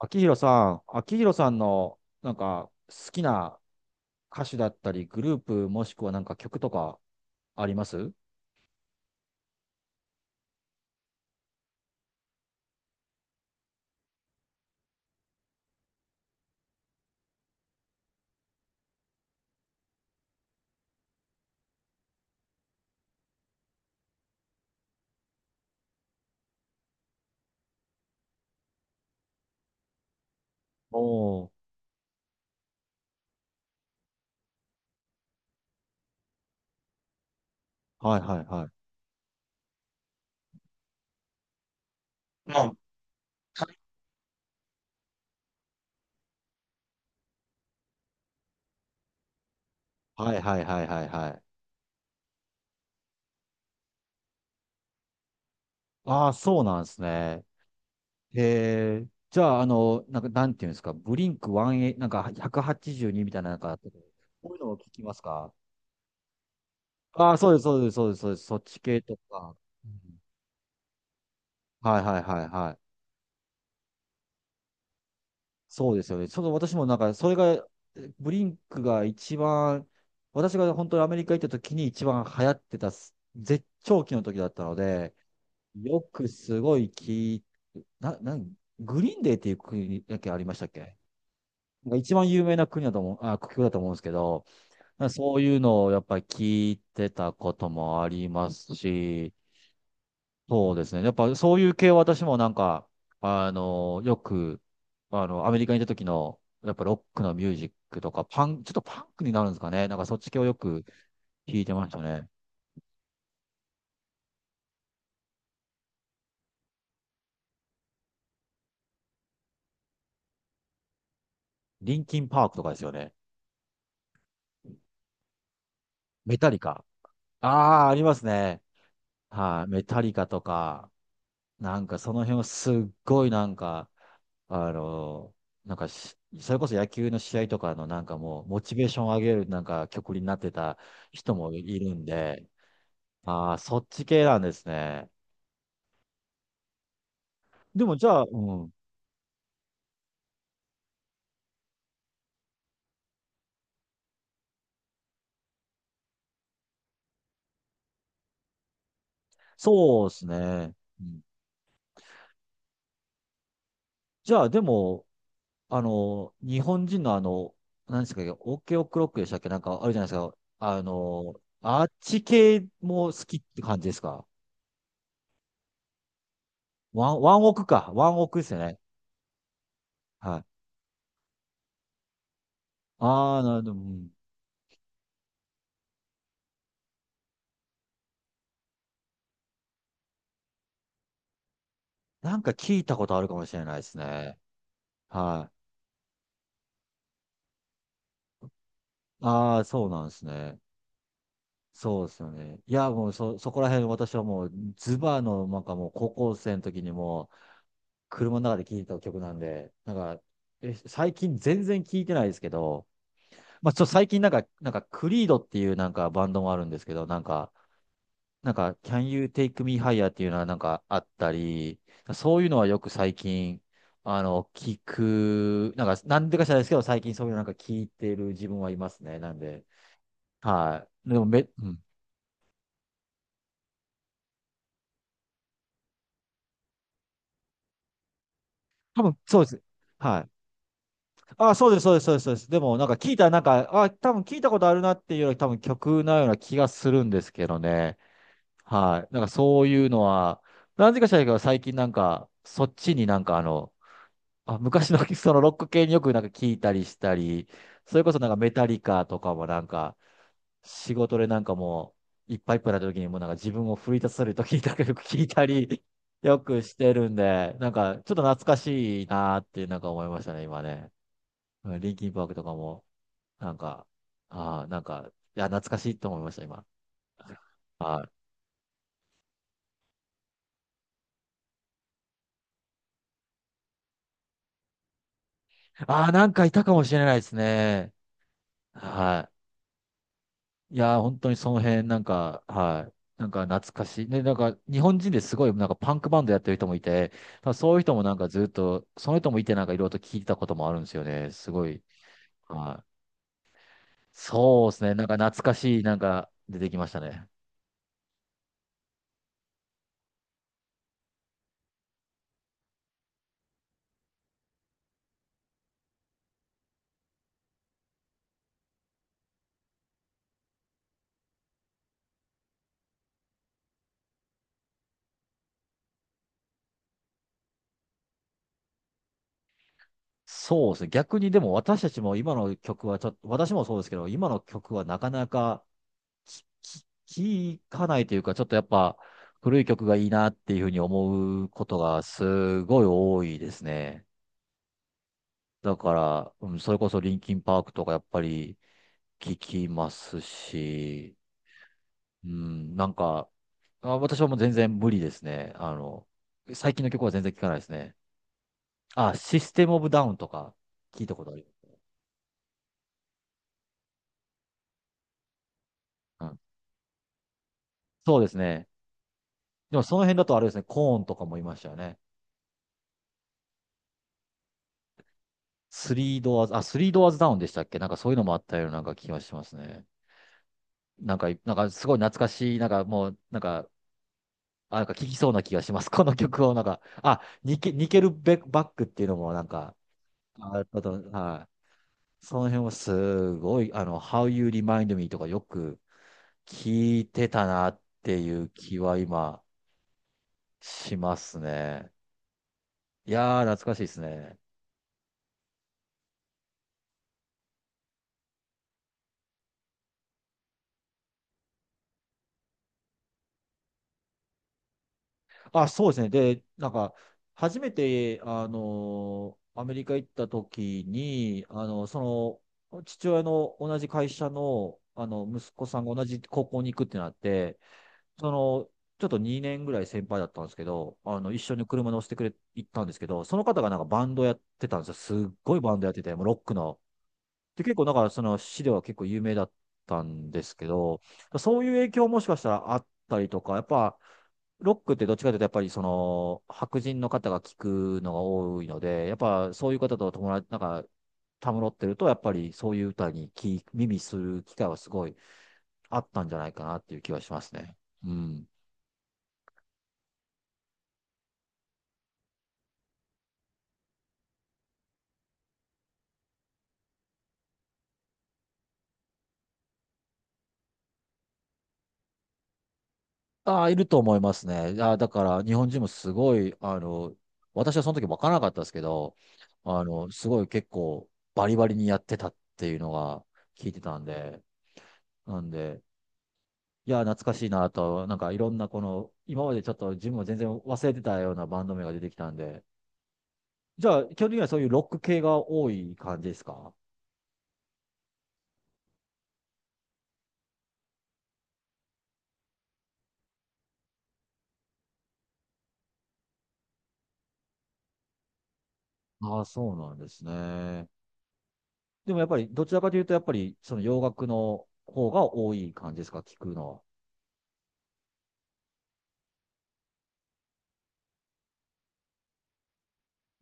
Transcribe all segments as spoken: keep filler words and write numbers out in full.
秋広さん、秋広さんのなんか好きな歌手だったり、グループもしくはなんか曲とかあります？おおー、はいはいはい。まあ、はいはいはいはいはい。ああ、そうなんですね。へえ。じゃあ、あの、なんか、なんていうんですか、ブリンクワン、なんかワンエイティーツーみたいな、なんか、こういうのを聞きますか？ああー、そうです、そうです、そうです、そうです、そっち系とか。うん、はいはいはいはい。そうですよね。その私もなんか、それが、ブリンクが一番、私が本当にアメリカ行った時に一番流行ってたす、絶頂期の時だったので、よくすごい聞い、な、なん、グリーンデーっていう国だけありましたっけ？なんか一番有名な国だと思う、あ、国境だと思うんですけど、なんかそういうのをやっぱり聞いてたこともありますし、そうですね。やっぱそういう系は私もなんか、あの、よく、あの、アメリカにいた時の、やっぱロックのミュージックとか、パン、ちょっとパンクになるんですかね。なんかそっち系をよく聞いてましたね。リンキンパークとかですよね。メタリカ。ああ、ありますね。はい、メタリカとか、なんかその辺をすっごいなんか、あの、なんかしそれこそ野球の試合とかのなんかもう、モチベーションを上げるなんか曲になってた人もいるんで、ああ、そっち系なんですね。でもじゃあ、うん。そうですね。うん、じゃあ、でも、あの、日本人のあの、何ですか、オケオクロックでしたっけ？なんかあるじゃないですか。あの、あっち系も好きって感じですか？ワン、ワンオクか。ワンオクですよね。はい。ああ、なるほど。うん、なんか聞いたことあるかもしれないですね。はい。ああ、そうなんですね。そうですよね。いや、もうそ、そこら辺私はもう、ズバーの、なんかもう高校生の時にもう、車の中で聴いた曲なんで、なんか、え最近全然聴いてないですけど、まあ、ちょっと最近なんか、なんか、クリードっていうなんかバンドもあるんですけど、なんか、なんか、Can You Take Me Higher っていうのはなんかあったり、そういうのはよく最近、あの、聞く、なんか、なんでか知らないですけど、最近そういうのなんか聞いてる自分はいますね。なんで、はい。でもめ、うん。多分、そうです。はい。あ、そうです、そうです、そうです。そうですでも、なんか聞いたら、なんか、あ、多分聞いたことあるなっていうより、多分曲のような気がするんですけどね。はい。なんかそういうのは、なぜか知らないけど、最近なんか、そっちになんかあの、あ、昔の そのロック系によくなんか聞いたりしたり、それこそなんかメタリカとかもなんか、仕事でなんかもう、いっぱいいっぱいな時にもうなんか自分を奮い立たせる時になんかよく聞いたり、よくしてるんで、なんかちょっと懐かしいなーってなんか思いましたね、今ね。うん、リンキンパークとかも。なんか、ああ、なんか、いや、懐かしいと思いました、今。はい。ああ、なんかいたかもしれないですね。はい。いやー、本当にその辺、なんか、はい。なんか懐かしい。ね、なんか日本人ですごいなんかパンクバンドやってる人もいて、まあそういう人もなんかずっと、その人もいてなんかいろいろと聞いてたこともあるんですよね。すごい。はい。そうですね。なんか懐かしい、なんか出てきましたね。そうですね。逆にでも私たちも今の曲はちょっと、私もそうですけど、今の曲はなかなかきき聞かないというか、ちょっとやっぱ古い曲がいいなっていうふうに思うことがすごい多いですね。だから、うん、それこそリンキンパークとかやっぱり聞きますし、うん、なんか、あ、私はもう全然無理ですね。あの、最近の曲は全然聞かないですね。あ、システムオブダウンとか聞いたことある。うん、そうですね。でもその辺だとあれですね、コーンとかもいましたよね。スリードアーズ、あ、スリードアーズダウンでしたっけ？なんかそういうのもあったようななんか気がしますね。なんか、なんかすごい懐かしい、なんかもう、なんか、あ、なんか聞きそうな気がします。この曲をなんか、あ、ニケ、ニケルベバックっていうのもなんか、あ、あと、はい。その辺はすごい、あの、How You Remind Me とかよく聞いてたなっていう気は今しますね。いやー、懐かしいですね。あ、そうですね。で、なんか、初めて、あの、アメリカ行った時に、あの、その、父親の同じ会社の、あの、息子さんが同じ高校に行くってなって、その、ちょっとにねんぐらい先輩だったんですけど、あの、一緒に車乗せてくれ、行ったんですけど、その方がなんかバンドやってたんですよ。すっごいバンドやってて、もうロックの、で、結構だからその市では結構有名だったんですけど、そういう影響もしかしたらあったりとか、やっぱ、ロックってどっちかというと、やっぱりその、白人の方が聞くのが多いので、やっぱそういう方と友達、なんか、たむろってると、やっぱりそういう歌に聞き耳する機会はすごいあったんじゃないかなっていう気はしますね。うん。ああ、いると思いますね。ああ、だから日本人もすごい、あの、私はその時分からなかったですけど、あの、すごい結構バリバリにやってたっていうのが聞いてたんで、なんで、いや、懐かしいなと、なんかいろんなこの、今までちょっと自分も全然忘れてたようなバンド名が出てきたんで、じゃあ、基本的にはそういうロック系が多い感じですか？ああ、そうなんですね。でもやっぱり、どちらかというと、やっぱりその洋楽の方が多い感じですか、聞くの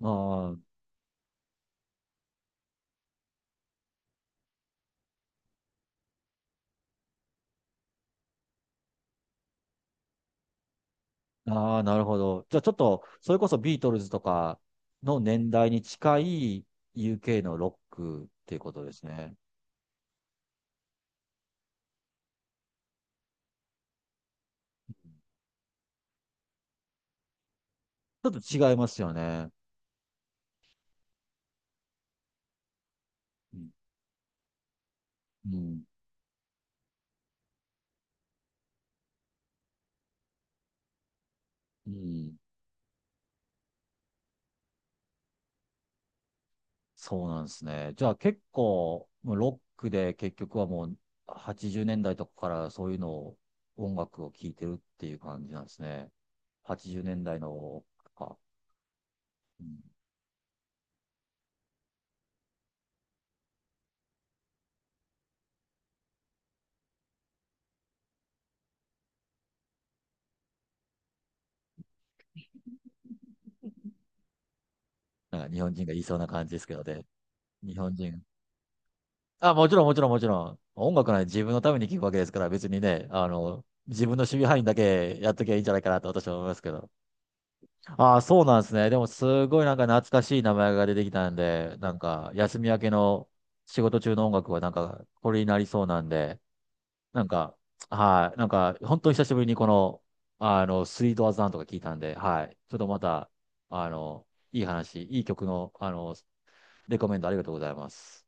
は。ああ、ああ、なるほど。じゃあちょっと、それこそビートルズとかの年代に近い ユーケー のロックっていうことですね。ちょっと違いますよね。うん。うん。うん、そうなんですね。じゃあ結構、もうロックで結局はもうはちじゅうねんだいとかからそういうのを、音楽を聴いてるっていう感じなんですね。はちじゅうねんだいの、か、うん、なんか日本人が言いそうな感じですけどね。日本人、あ、もちろん、もちろん、もちろん。音楽なんて自分のために聴くわけですから、別にね、あの、自分の守備範囲だけやっときゃいいんじゃないかなと私は思いますけど。ああ、そうなんですね。でも、すごいなんか懐かしい名前が出てきたんで、なんか、休み明けの仕事中の音楽はなんか、これになりそうなんで、なんか、はい、なんか、本当に久しぶりにこの、あの、スイートアザンとか聞いたんで、はい、ちょっとまた、あの、いい話、いい曲の、あの、レコメンドありがとうございます。